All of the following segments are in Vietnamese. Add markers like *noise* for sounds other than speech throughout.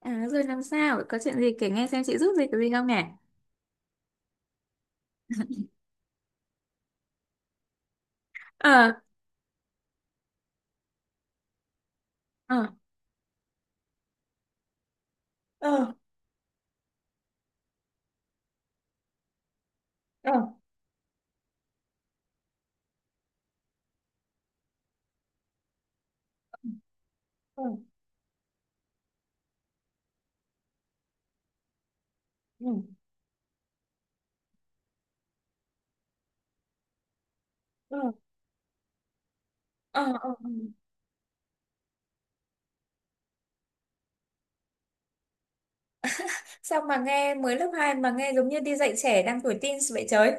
À, rồi làm sao? Có chuyện gì kể nghe xem chị giúp gì cái gì không nhỉ? *laughs* Ờ. Ờ. Ờ. Ờ. Ừ. Ừ. Ờ. Ờ. Ừ. Sao mà nghe mới lớp 2 mà nghe giống như đi dạy trẻ đang tuổi teens vậy trời.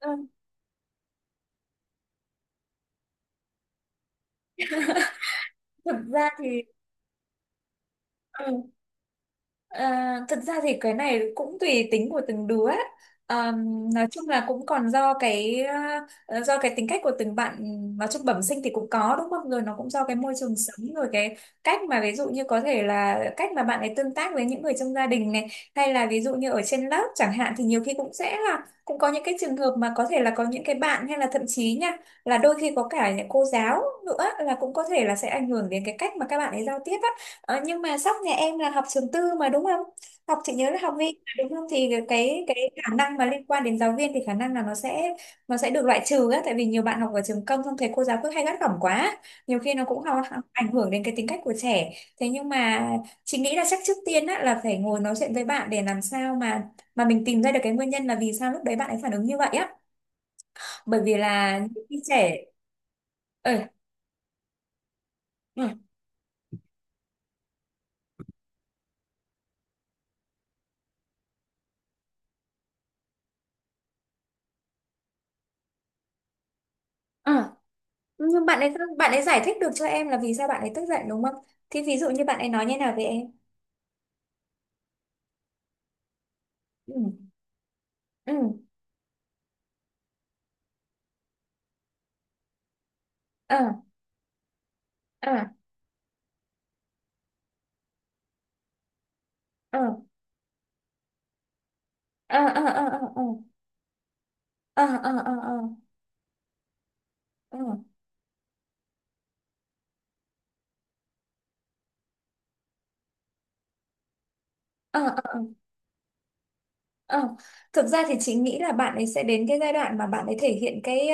Ừ. thực ra thì Ừ. À, thật ra thì cái này cũng tùy tính của từng đứa ấy. À, nói chung là cũng còn do cái do cái tính cách của từng bạn. Nói chung bẩm sinh thì cũng có đúng không, rồi nó cũng do cái môi trường sống, rồi cái cách mà ví dụ như có thể là cách mà bạn ấy tương tác với những người trong gia đình này, hay là ví dụ như ở trên lớp chẳng hạn, thì nhiều khi cũng sẽ là cũng có những cái trường hợp mà có thể là có những cái bạn hay là thậm chí nha, là đôi khi có cả những cô giáo nữa là cũng có thể là sẽ ảnh hưởng đến cái cách mà các bạn ấy giao tiếp á. Nhưng mà Sóc nhà em là học trường tư mà đúng không? Học chị nhớ là học vi mà đúng không? Thì cái khả năng mà liên quan đến giáo viên thì khả năng là nó sẽ được loại trừ á, tại vì nhiều bạn học ở trường công xong thầy cô giáo cứ hay gắt gỏng quá. Nhiều khi nó cũng học, ảnh hưởng đến cái tính cách của trẻ. Thế nhưng mà chị nghĩ là chắc trước tiên á là phải ngồi nói chuyện với bạn để làm sao mà mình tìm ra được cái nguyên nhân là vì sao lúc đấy bạn ấy phản ứng như vậy á. Bởi vì là những khi trẻ. Ừ. Ừ. Ừ. Nhưng bạn ấy giải thích được cho em là vì sao bạn ấy tức giận đúng không? Thì ví dụ như bạn ấy nói như nào với em? Ừ. Ừ. Ờ. Ờ. Ờ. Ờ. Ờ. Ờ. Ờ. Ờ. Ờ. Ờ. Ờ. Ờ. Ờ. Ờ. Ờ, Thực ra thì chị nghĩ là bạn ấy sẽ đến cái giai đoạn mà bạn ấy thể hiện cái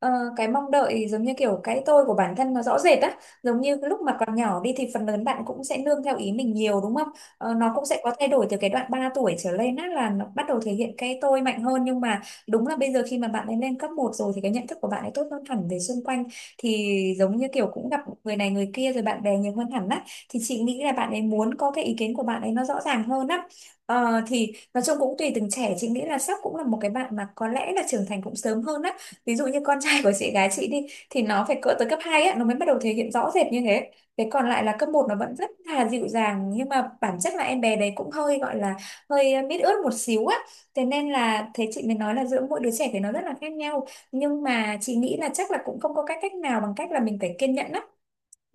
ờ, cái mong đợi giống như kiểu cái tôi của bản thân nó rõ rệt á, giống như lúc mà còn nhỏ đi thì phần lớn bạn cũng sẽ nương theo ý mình nhiều đúng không? Nó cũng sẽ có thay đổi từ cái đoạn 3 tuổi trở lên á, là nó bắt đầu thể hiện cái tôi mạnh hơn. Nhưng mà đúng là bây giờ khi mà bạn ấy lên cấp 1 rồi thì cái nhận thức của bạn ấy tốt hơn hẳn về xung quanh, thì giống như kiểu cũng gặp người này người kia rồi bạn bè nhiều hơn hẳn á, thì chị nghĩ là bạn ấy muốn có cái ý kiến của bạn ấy nó rõ ràng hơn á. Ờ, thì Nói chung cũng tùy từng trẻ, chị nghĩ là sắp cũng là một cái bạn mà có lẽ là trưởng thành cũng sớm hơn á. Ví dụ như con trai của chị gái chị đi thì nó phải cỡ tới cấp 2 á nó mới bắt đầu thể hiện rõ rệt như thế, thế còn lại là cấp 1 nó vẫn rất là dịu dàng. Nhưng mà bản chất là em bé đấy cũng hơi gọi là hơi mít ướt một xíu á. Thế nên là thế chị mới nói là giữa mỗi đứa trẻ thì nó rất là khác nhau, nhưng mà chị nghĩ là chắc là cũng không có cách cách nào bằng cách là mình phải kiên nhẫn á.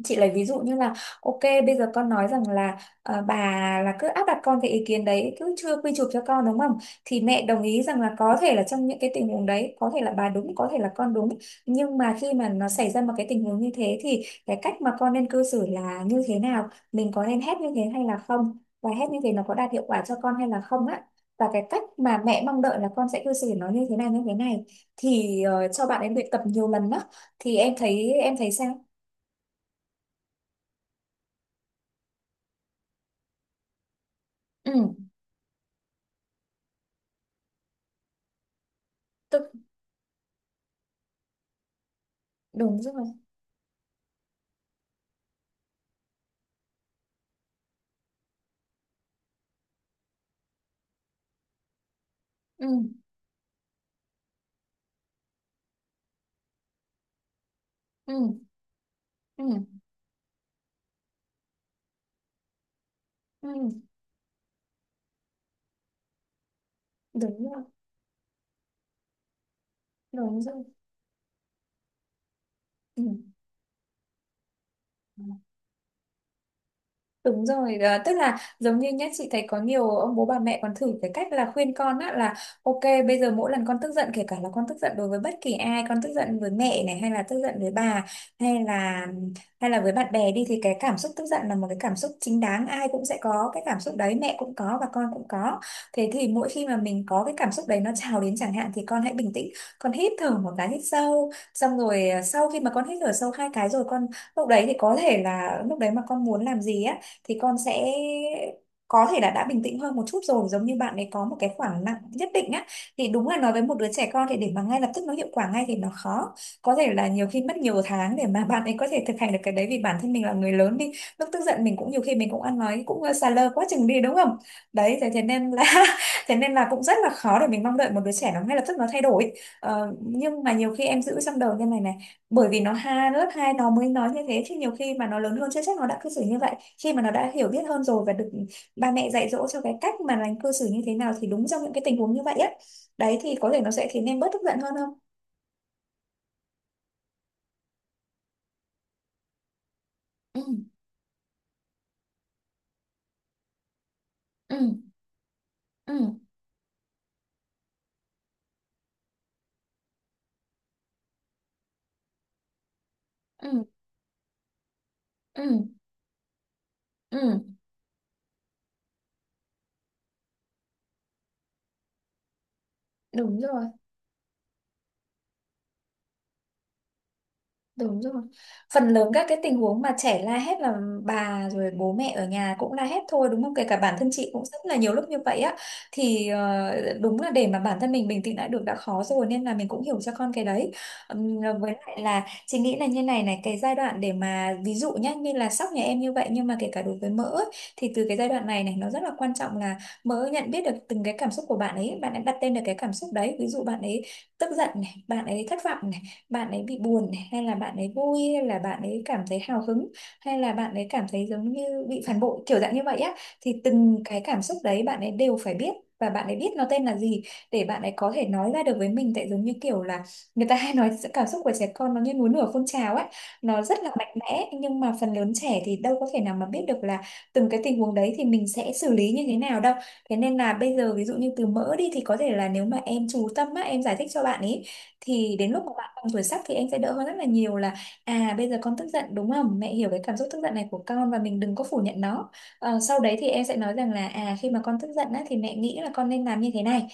Chị lấy ví dụ như là ok, bây giờ con nói rằng là bà là cứ áp đặt con cái ý kiến đấy, cứ chưa quy chụp cho con đúng không? Thì mẹ đồng ý rằng là có thể là trong những cái tình huống đấy có thể là bà đúng, có thể là con đúng. Nhưng mà khi mà nó xảy ra một cái tình huống như thế thì cái cách mà con nên cư xử là như thế nào, mình có nên hét như thế hay là không, và hét như thế nó có đạt hiệu quả cho con hay là không á, và cái cách mà mẹ mong đợi là con sẽ cư xử nó như thế này như thế này. Thì cho bạn em luyện tập nhiều lần đó thì em thấy sao? Ừ. Đúng rồi. Ừ, ừ, ừ, ừ. Đúng rồi. Đúng rồi. Ừ. Đúng rồi, à, tức là giống như nhá, chị thấy có nhiều ông bố bà mẹ còn thử cái cách là khuyên con á là ok, bây giờ mỗi lần con tức giận kể cả là con tức giận đối với bất kỳ ai, con tức giận với mẹ này hay là tức giận với bà, hay là với bạn bè đi, thì cái cảm xúc tức giận là một cái cảm xúc chính đáng, ai cũng sẽ có cái cảm xúc đấy, mẹ cũng có và con cũng có. Thế thì mỗi khi mà mình có cái cảm xúc đấy nó trào đến chẳng hạn thì con hãy bình tĩnh, con hít thở một cái hít sâu, xong rồi sau khi mà con hít thở sâu 2 cái rồi con lúc đấy, thì có thể là lúc đấy mà con muốn làm gì á thì con sẽ có thể là đã bình tĩnh hơn một chút rồi, giống như bạn ấy có một cái khoảng nặng nhất định á. Thì đúng là nói với một đứa trẻ con thì để mà ngay lập tức nó hiệu quả ngay thì nó khó, có thể là nhiều khi mất nhiều tháng để mà *laughs* bạn ấy có thể thực hành được cái đấy, vì bản thân mình là người lớn đi lúc tức giận mình cũng nhiều khi mình cũng ăn nói cũng xà lơ quá chừng đi đúng không? Đấy, thế thế nên là *laughs* thế nên là cũng rất là khó để mình mong đợi một đứa trẻ nó ngay lập tức nó thay đổi. Nhưng mà nhiều khi em giữ trong đầu như này này, bởi vì nó ha lớp 2 nó mới nói như thế, chứ nhiều khi mà nó lớn hơn chưa chắc nó đã cư xử như vậy. Khi mà nó đã hiểu biết hơn rồi và được ba mẹ dạy dỗ cho cái cách mà lành cư xử như thế nào thì đúng trong những cái tình huống như vậy á, đấy thì có thể nó sẽ khiến em bớt tức giận hơn không? Ừ. Ừ. Ừ. Ừ. Ừ. Ừ. Đúng rồi. Đúng rồi. Phần lớn các cái tình huống mà trẻ la hét là bà rồi bố mẹ ở nhà cũng la hét thôi đúng không? Kể cả bản thân chị cũng rất là nhiều lúc như vậy á. Thì đúng là để mà bản thân mình bình tĩnh lại được đã khó rồi, nên là mình cũng hiểu cho con cái đấy. Với lại là chị nghĩ là như này này, cái giai đoạn để mà ví dụ nhá như là sóc nhà em như vậy nhưng mà kể cả đối với mỡ ấy, thì từ cái giai đoạn này này nó rất là quan trọng là mỡ nhận biết được từng cái cảm xúc của bạn ấy đặt tên được cái cảm xúc đấy. Ví dụ bạn ấy tức giận này, bạn ấy thất vọng này, bạn ấy bị buồn này, hay là bạn ấy vui, hay là bạn ấy cảm thấy hào hứng, hay là bạn ấy cảm thấy giống như bị phản bội kiểu dạng như vậy á, thì từng cái cảm xúc đấy bạn ấy đều phải biết và bạn ấy biết nó tên là gì, để bạn ấy có thể nói ra được với mình, tại giống như kiểu là người ta hay nói sự cảm xúc của trẻ con nó như núi lửa phun trào ấy, nó rất là mạnh mẽ nhưng mà phần lớn trẻ thì đâu có thể nào mà biết được là từng cái tình huống đấy thì mình sẽ xử lý như thế nào đâu. Thế nên là bây giờ ví dụ như từ mỡ đi thì có thể là nếu mà em chú tâm á, em giải thích cho bạn ấy thì đến lúc mà bạn bằng tuổi sắp thì em sẽ đỡ hơn rất là nhiều, là à bây giờ con tức giận đúng không? Mẹ hiểu cái cảm xúc tức giận này của con và mình đừng có phủ nhận nó. Ờ, sau đấy thì em sẽ nói rằng là à khi mà con tức giận á, thì mẹ nghĩ là con nên làm như thế này.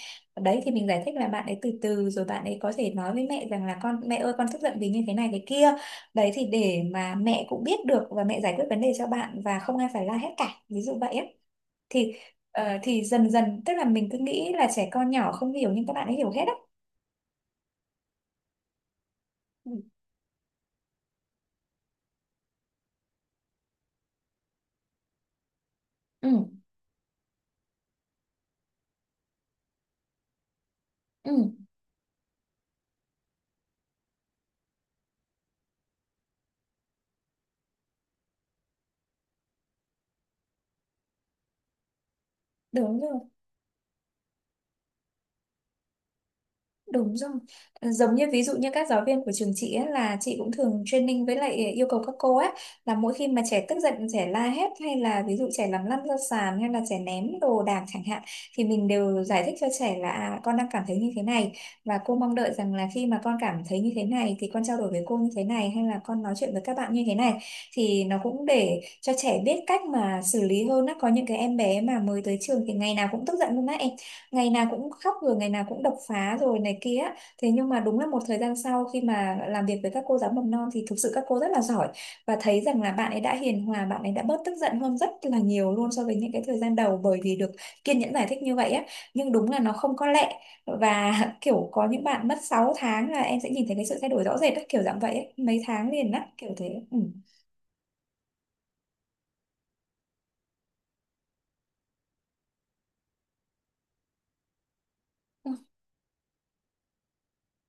Đấy thì mình giải thích là bạn ấy từ từ rồi bạn ấy có thể nói với mẹ rằng là con mẹ ơi con tức giận vì như thế này thế kia. Đấy thì để mà mẹ cũng biết được và mẹ giải quyết vấn đề cho bạn và không ai phải la hết cả. Ví dụ vậy á thì thì dần dần tức là mình cứ nghĩ là trẻ con nhỏ không hiểu nhưng các bạn ấy hiểu hết á. Ừ, ừ, ừ, đúng rồi. Đúng rồi. Ờ, giống như ví dụ như các giáo viên của trường chị ấy, là chị cũng thường training với lại yêu cầu các cô ấy là mỗi khi mà trẻ tức giận, trẻ la hét hay là ví dụ trẻ làm lăn ra sàn hay là trẻ ném đồ đạc chẳng hạn thì mình đều giải thích cho trẻ là à, con đang cảm thấy như thế này và cô mong đợi rằng là khi mà con cảm thấy như thế này thì con trao đổi với cô như thế này hay là con nói chuyện với các bạn như thế này thì nó cũng để cho trẻ biết cách mà xử lý hơn á. Có những cái em bé mà mới tới trường thì ngày nào cũng tức giận luôn á em, ngày nào cũng khóc rồi ngày nào cũng đập phá rồi này kia. Thế nhưng mà đúng là một thời gian sau khi mà làm việc với các cô giáo mầm non thì thực sự các cô rất là giỏi và thấy rằng là bạn ấy đã hiền hòa, bạn ấy đã bớt tức giận hơn rất là nhiều luôn so với những cái thời gian đầu bởi vì được kiên nhẫn giải thích như vậy á. Nhưng đúng là nó không có lẹ và *laughs* kiểu có những bạn mất 6 tháng là em sẽ nhìn thấy cái sự thay đổi rõ rệt á, kiểu dạng vậy ấy. Mấy tháng liền á kiểu thế, ừ.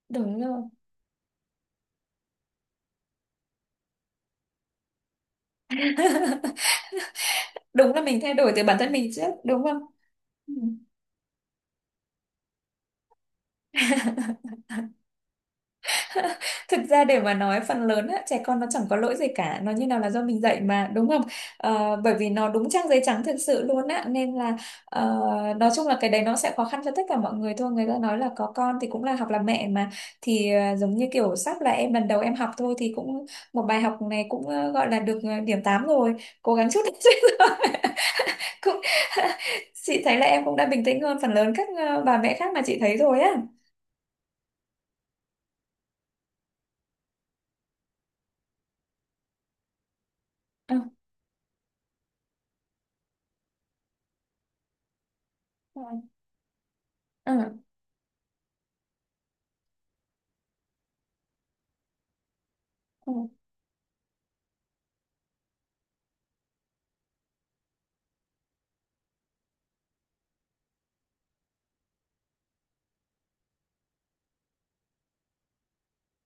Đúng rồi, đúng là mình thay đổi từ bản thân mình trước đúng không. Ừ. *laughs* *laughs* Thực ra để mà nói phần lớn á, trẻ con nó chẳng có lỗi gì cả, nó như nào là do mình dạy mà đúng không. Ờ, bởi vì nó đúng trang giấy trắng thực sự luôn á nên là ờ, nói chung là cái đấy nó sẽ khó khăn cho tất cả mọi người thôi, người ta nói là có con thì cũng là học làm mẹ mà. Thì giống như kiểu sắp là em lần đầu em học thôi thì cũng một bài học này cũng gọi là được điểm 8 rồi, cố gắng chút nữa. *laughs* Cũng *laughs* chị thấy là em cũng đã bình tĩnh hơn phần lớn các bà mẹ khác mà chị thấy rồi á. Ừ. Ừ. Ừ.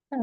Ừ.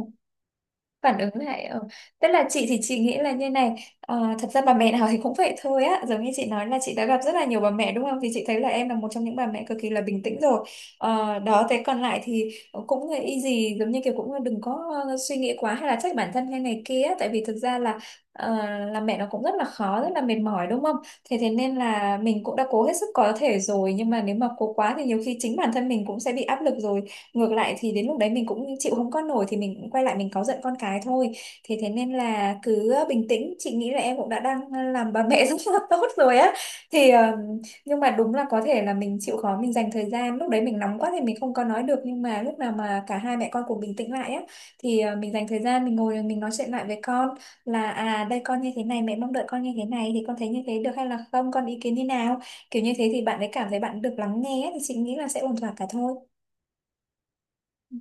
Phản ứng lại ờ. Tức là chị thì chị nghĩ là như này thật ra bà mẹ nào thì cũng vậy thôi á, giống như chị nói là chị đã gặp rất là nhiều bà mẹ đúng không, thì chị thấy là em là một trong những bà mẹ cực kỳ là bình tĩnh rồi. Ờ, đó thế còn lại thì cũng là easy, giống như kiểu cũng đừng có suy nghĩ quá hay là trách bản thân hay này kia á. Tại vì thực ra là ờ, làm mẹ nó cũng rất là khó, rất là mệt mỏi đúng không. Thế thế nên là mình cũng đã cố hết sức có thể rồi nhưng mà nếu mà cố quá thì nhiều khi chính bản thân mình cũng sẽ bị áp lực rồi, ngược lại thì đến lúc đấy mình cũng chịu không có nổi thì mình cũng quay lại mình cáu giận con cái thôi. Thế thế nên là cứ bình tĩnh, chị nghĩ là em cũng đã đang làm bà mẹ *laughs* rất là tốt rồi á. Thì nhưng mà đúng là có thể là mình chịu khó mình dành thời gian lúc đấy mình nóng quá thì mình không có nói được nhưng mà lúc nào mà cả hai mẹ con cùng bình tĩnh lại á thì mình dành thời gian mình ngồi mình nói chuyện lại với con là à đây con như thế này mẹ mong đợi con như thế này thì con thấy như thế được hay là không, con ý kiến như nào. Kiểu như thế thì bạn ấy cảm thấy bạn được lắng nghe á, thì chị nghĩ là sẽ ổn thỏa cả thôi. Ừ.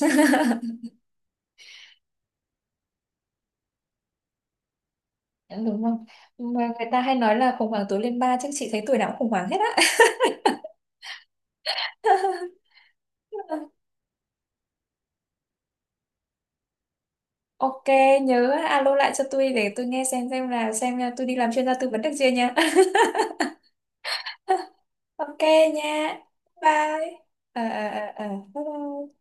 *laughs* Đúng không, mà người ta hay nói là khủng hoảng tuổi lên ba chứ chị thấy tuổi nào cũng khủng hoảng hết á. *laughs* Ok, nhớ alo lại cho tôi để tôi nghe xem, xem là tôi đi làm chuyên gia tư vấn được chưa nha. *laughs* Ok nha, bye. ờ ờ ờ ờ Bye bye.